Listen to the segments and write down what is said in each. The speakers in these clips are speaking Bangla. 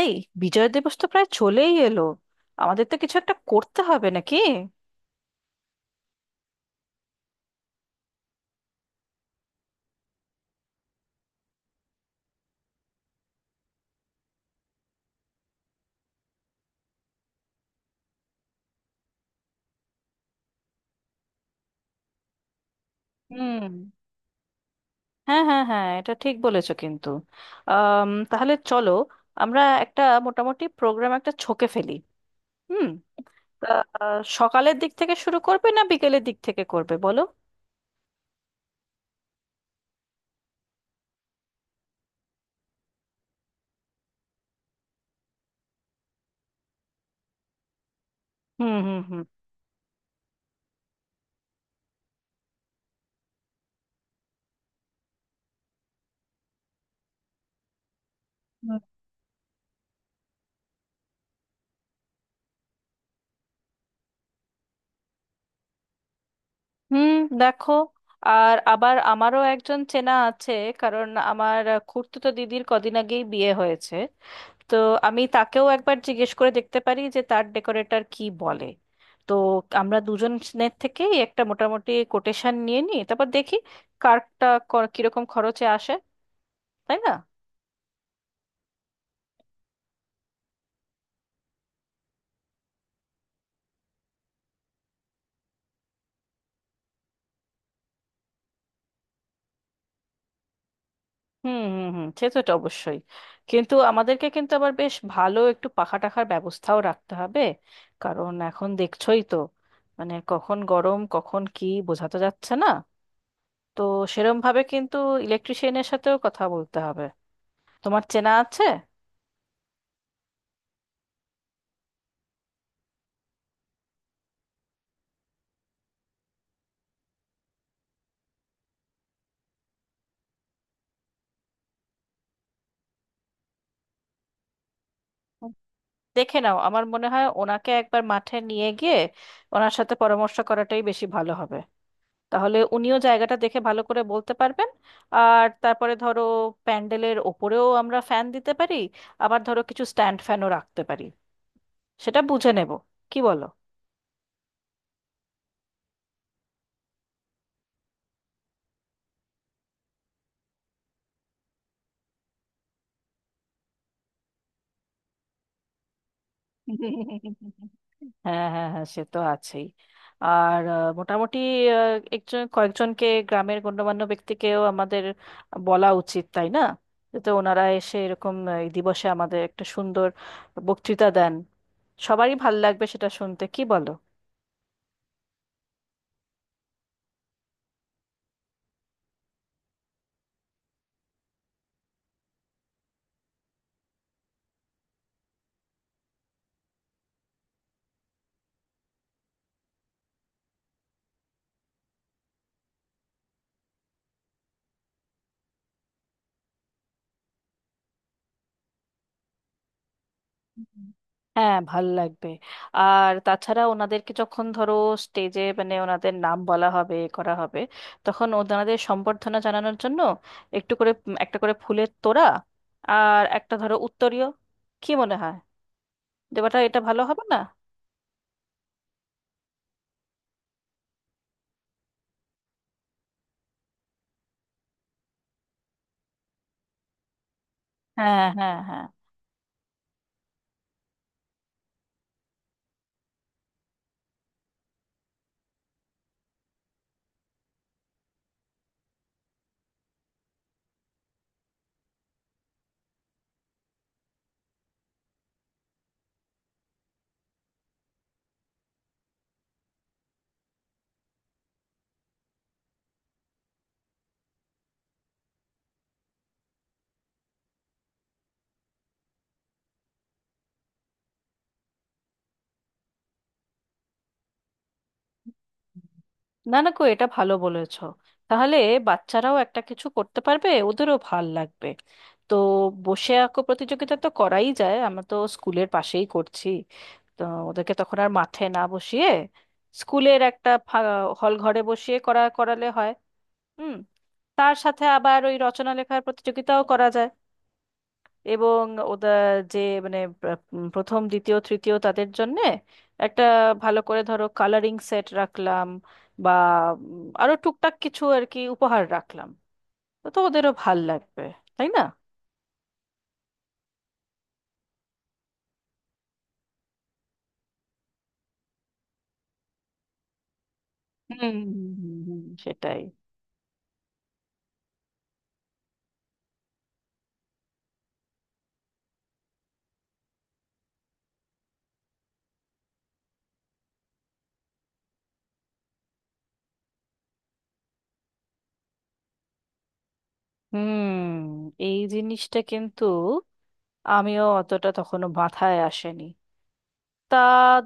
এই বিজয় দিবস তো প্রায় চলেই এলো। আমাদের তো কিছু একটা করতে হবে নাকি? হুম। হ্যাঁ হ্যাঁ হ্যাঁ, এটা ঠিক বলেছো কিন্তু। তাহলে চলো, আমরা একটা মোটামুটি প্রোগ্রাম একটা ছকে ফেলি। হুম। তা, সকালের দিক থেকে শুরু করবে না বিকেলের দিক থেকে করবে বলো? হুম হুম হুম হুম। হুম। দেখো, আর আবার আমারও একজন চেনা আছে, কারণ আমার খুড়তুতো দিদির কদিন আগেই বিয়ে হয়েছে। তো আমি তাকেও একবার জিজ্ঞেস করে দেখতে পারি যে তার ডেকোরেটর কি বলে। তো আমরা দুজনের থেকেই একটা মোটামুটি কোটেশন নিয়ে নিই, তারপর দেখি কারটা কিরকম খরচে আসে, তাই না? হুম হুম হুম, সে তো এটা অবশ্যই। কিন্তু আমাদেরকে কিন্তু আবার বেশ ভালো একটু পাখা টাখার ব্যবস্থাও রাখতে হবে। কারণ এখন দেখছোই তো, মানে কখন গরম কখন কি বোঝা তো যাচ্ছে না। তো সেরম ভাবে কিন্তু ইলেকট্রিশিয়ানের সাথেও কথা বলতে হবে। তোমার চেনা আছে? দেখে নাও, আমার মনে হয় ওনাকে একবার মাঠে নিয়ে গিয়ে ওনার সাথে পরামর্শ করাটাই বেশি ভালো হবে। তাহলে উনিও জায়গাটা দেখে ভালো করে বলতে পারবেন। আর তারপরে ধরো প্যান্ডেলের ওপরেও আমরা ফ্যান দিতে পারি। আবার ধরো কিছু স্ট্যান্ড ফ্যানও রাখতে পারি। সেটা বুঝে নেব, কি বলো? হ্যাঁ হ্যাঁ হ্যাঁ, সে তো আছেই। আর মোটামুটি একজন কয়েকজনকে গ্রামের গণ্যমান্য ব্যক্তিকেও আমাদের বলা উচিত, তাই না? যাতে ওনারা এসে এরকম এই দিবসে আমাদের একটা সুন্দর বক্তৃতা দেন। সবারই ভাল লাগবে সেটা শুনতে, কি বলো? হুম। হ্যাঁ, ভাল লাগবে। আর তাছাড়া ওনাদেরকে যখন ধরো স্টেজে মানে ওনাদের নাম বলা হবে, এ করা হবে, তখন ওনাদের সম্বর্ধনা জানানোর জন্য একটু করে একটা করে ফুলের তোড়া আর একটা ধরো উত্তরীয়, কি মনে হয়? দেবাটা এটা ভালো হবে না? হ্যাঁ হ্যাঁ হ্যাঁ। না না কো, এটা ভালো বলেছো। তাহলে বাচ্চারাও একটা কিছু করতে পারবে, ওদেরও ভাল লাগবে। তো বসে আঁকো প্রতিযোগিতা তো করাই যায়, আমরা তো স্কুলের পাশেই করছি। তো ওদেরকে তখন আর মাঠে না বসিয়ে স্কুলের একটা হল ঘরে বসিয়ে করা করালে হয়। হুম। তার সাথে আবার ওই রচনা লেখার প্রতিযোগিতাও করা যায়। এবং ওদের যে মানে প্রথম দ্বিতীয় তৃতীয় তাদের জন্যে একটা ভালো করে ধরো কালারিং সেট রাখলাম। বা আরো টুকটাক কিছু আর কি উপহার রাখলাম। তো তো ওদেরও ভাল লাগবে, তাই না? হুম হুম, হুম, হুম, সেটাই। হুম। এই জিনিসটা কিন্তু আমিও অতটা তখনো মাথায় আসেনি। তা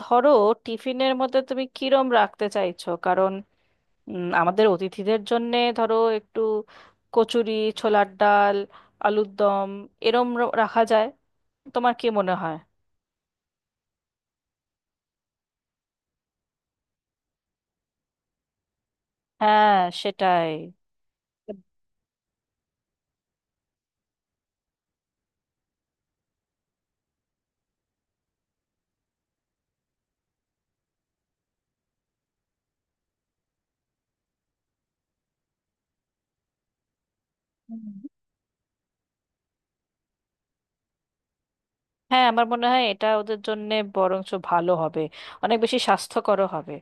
ধরো টিফিনের মধ্যে তুমি কিরম রাখতে চাইছো? আমাদের অতিথিদের জন্যে ধরো একটু কচুরি, ছোলার ডাল, আলুর দম, এরম রাখা যায়, তোমার কি মনে হয়? হ্যাঁ সেটাই। হুম। হ্যাঁ, আমার মনে হয় এটা ওদের জন্যে বরঞ্চ ভালো হবে, অনেক বেশি স্বাস্থ্যকরও হবে।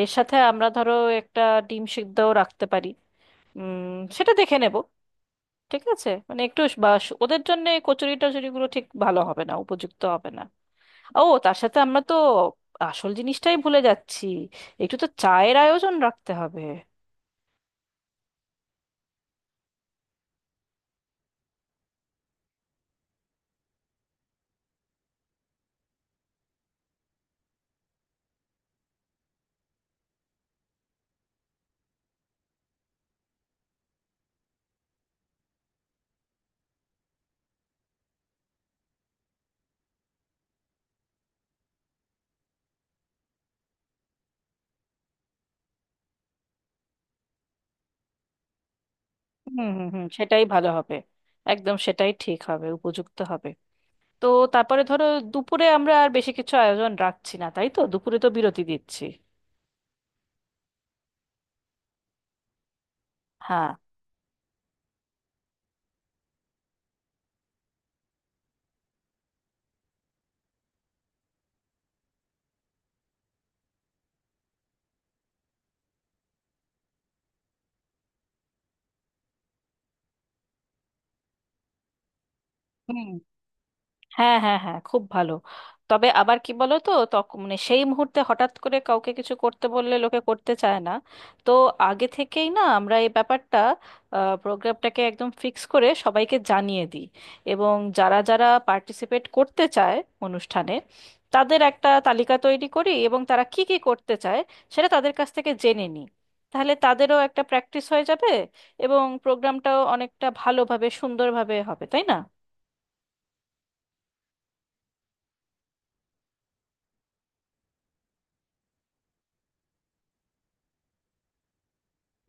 এর সাথে আমরা ধরো একটা ডিম সিদ্ধও রাখতে পারি। উম, সেটা দেখে নেব। ঠিক আছে, মানে একটু বা ওদের জন্য কচুরি টচুরিগুলো ঠিক ভালো হবে না, উপযুক্ত হবে না। ও, তার সাথে আমরা তো আসল জিনিসটাই ভুলে যাচ্ছি। একটু তো চায়ের আয়োজন রাখতে হবে। হুম হুম হুম, সেটাই ভালো হবে। একদম সেটাই ঠিক হবে, উপযুক্ত হবে। তো তারপরে ধরো দুপুরে আমরা আর বেশি কিছু আয়োজন রাখছি না, তাই তো দুপুরে তো বিরতি দিচ্ছি। হ্যাঁ হ্যাঁ হ্যাঁ হ্যাঁ, খুব ভালো। তবে আবার কি বলো তো, তখন মানে সেই মুহূর্তে হঠাৎ করে কাউকে কিছু করতে বললে লোকে করতে চায় না। তো আগে থেকেই না আমরা এই ব্যাপারটা, প্রোগ্রামটাকে একদম ফিক্স করে সবাইকে জানিয়ে দিই। এবং যারা যারা পার্টিসিপেট করতে চায় অনুষ্ঠানে, তাদের একটা তালিকা তৈরি করি এবং তারা কি কি করতে চায় সেটা তাদের কাছ থেকে জেনে নিই। তাহলে তাদেরও একটা প্র্যাকটিস হয়ে যাবে এবং প্রোগ্রামটাও অনেকটা ভালোভাবে সুন্দরভাবে হবে, তাই না?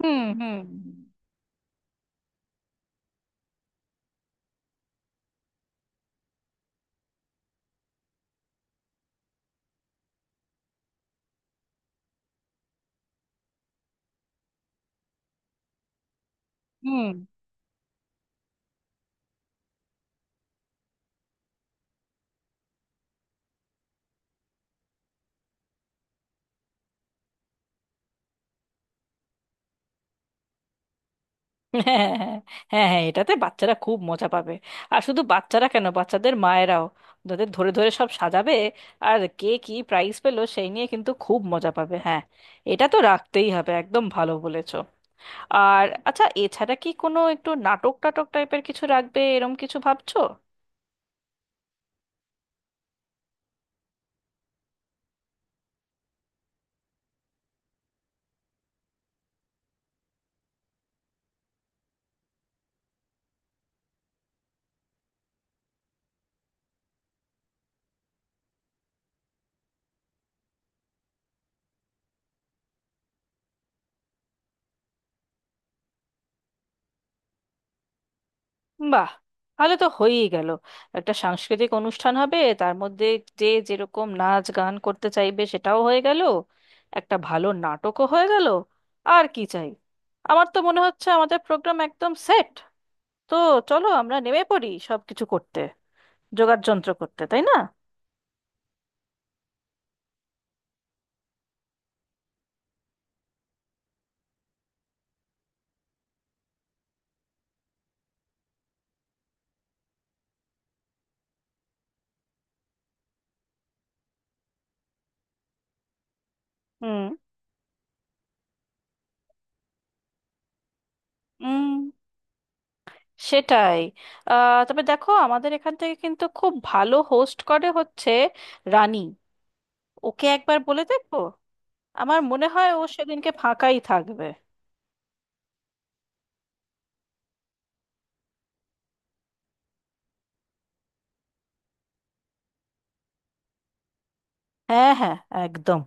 হুম হুম হুম। হুম। হ্যাঁ হ্যাঁ হ্যাঁ, এটাতে বাচ্চারা খুব মজা পাবে। আর শুধু বাচ্চারা কেন, বাচ্চাদের মায়েরাও তাদের ধরে ধরে সব সাজাবে। আর কে কি প্রাইজ পেলো সেই নিয়ে কিন্তু খুব মজা পাবে। হ্যাঁ, এটা তো রাখতেই হবে, একদম ভালো বলেছো। আর আচ্ছা, এছাড়া কি কোনো একটু নাটক টাটক টাইপের কিছু রাখবে, এরম কিছু ভাবছো? বাহ, তাহলে তো হয়েই গেল। একটা সাংস্কৃতিক অনুষ্ঠান হবে তার মধ্যে যে যেরকম নাচ গান করতে চাইবে সেটাও হয়ে গেল, একটা ভালো নাটকও হয়ে গেল। আর কি চাই? আমার তো মনে হচ্ছে আমাদের প্রোগ্রাম একদম সেট। তো চলো আমরা নেমে পড়ি সব কিছু করতে, যোগাড় যন্ত্র করতে, তাই না? হুম হুম, সেটাই। তবে দেখো আমাদের এখান থেকে কিন্তু খুব ভালো হোস্ট করে হচ্ছে রানী। ওকে একবার বলে দেখবো। আমার মনে হয় ও সেদিনকে ফাঁকাই থাকবে। হ্যাঁ হ্যাঁ, একদম।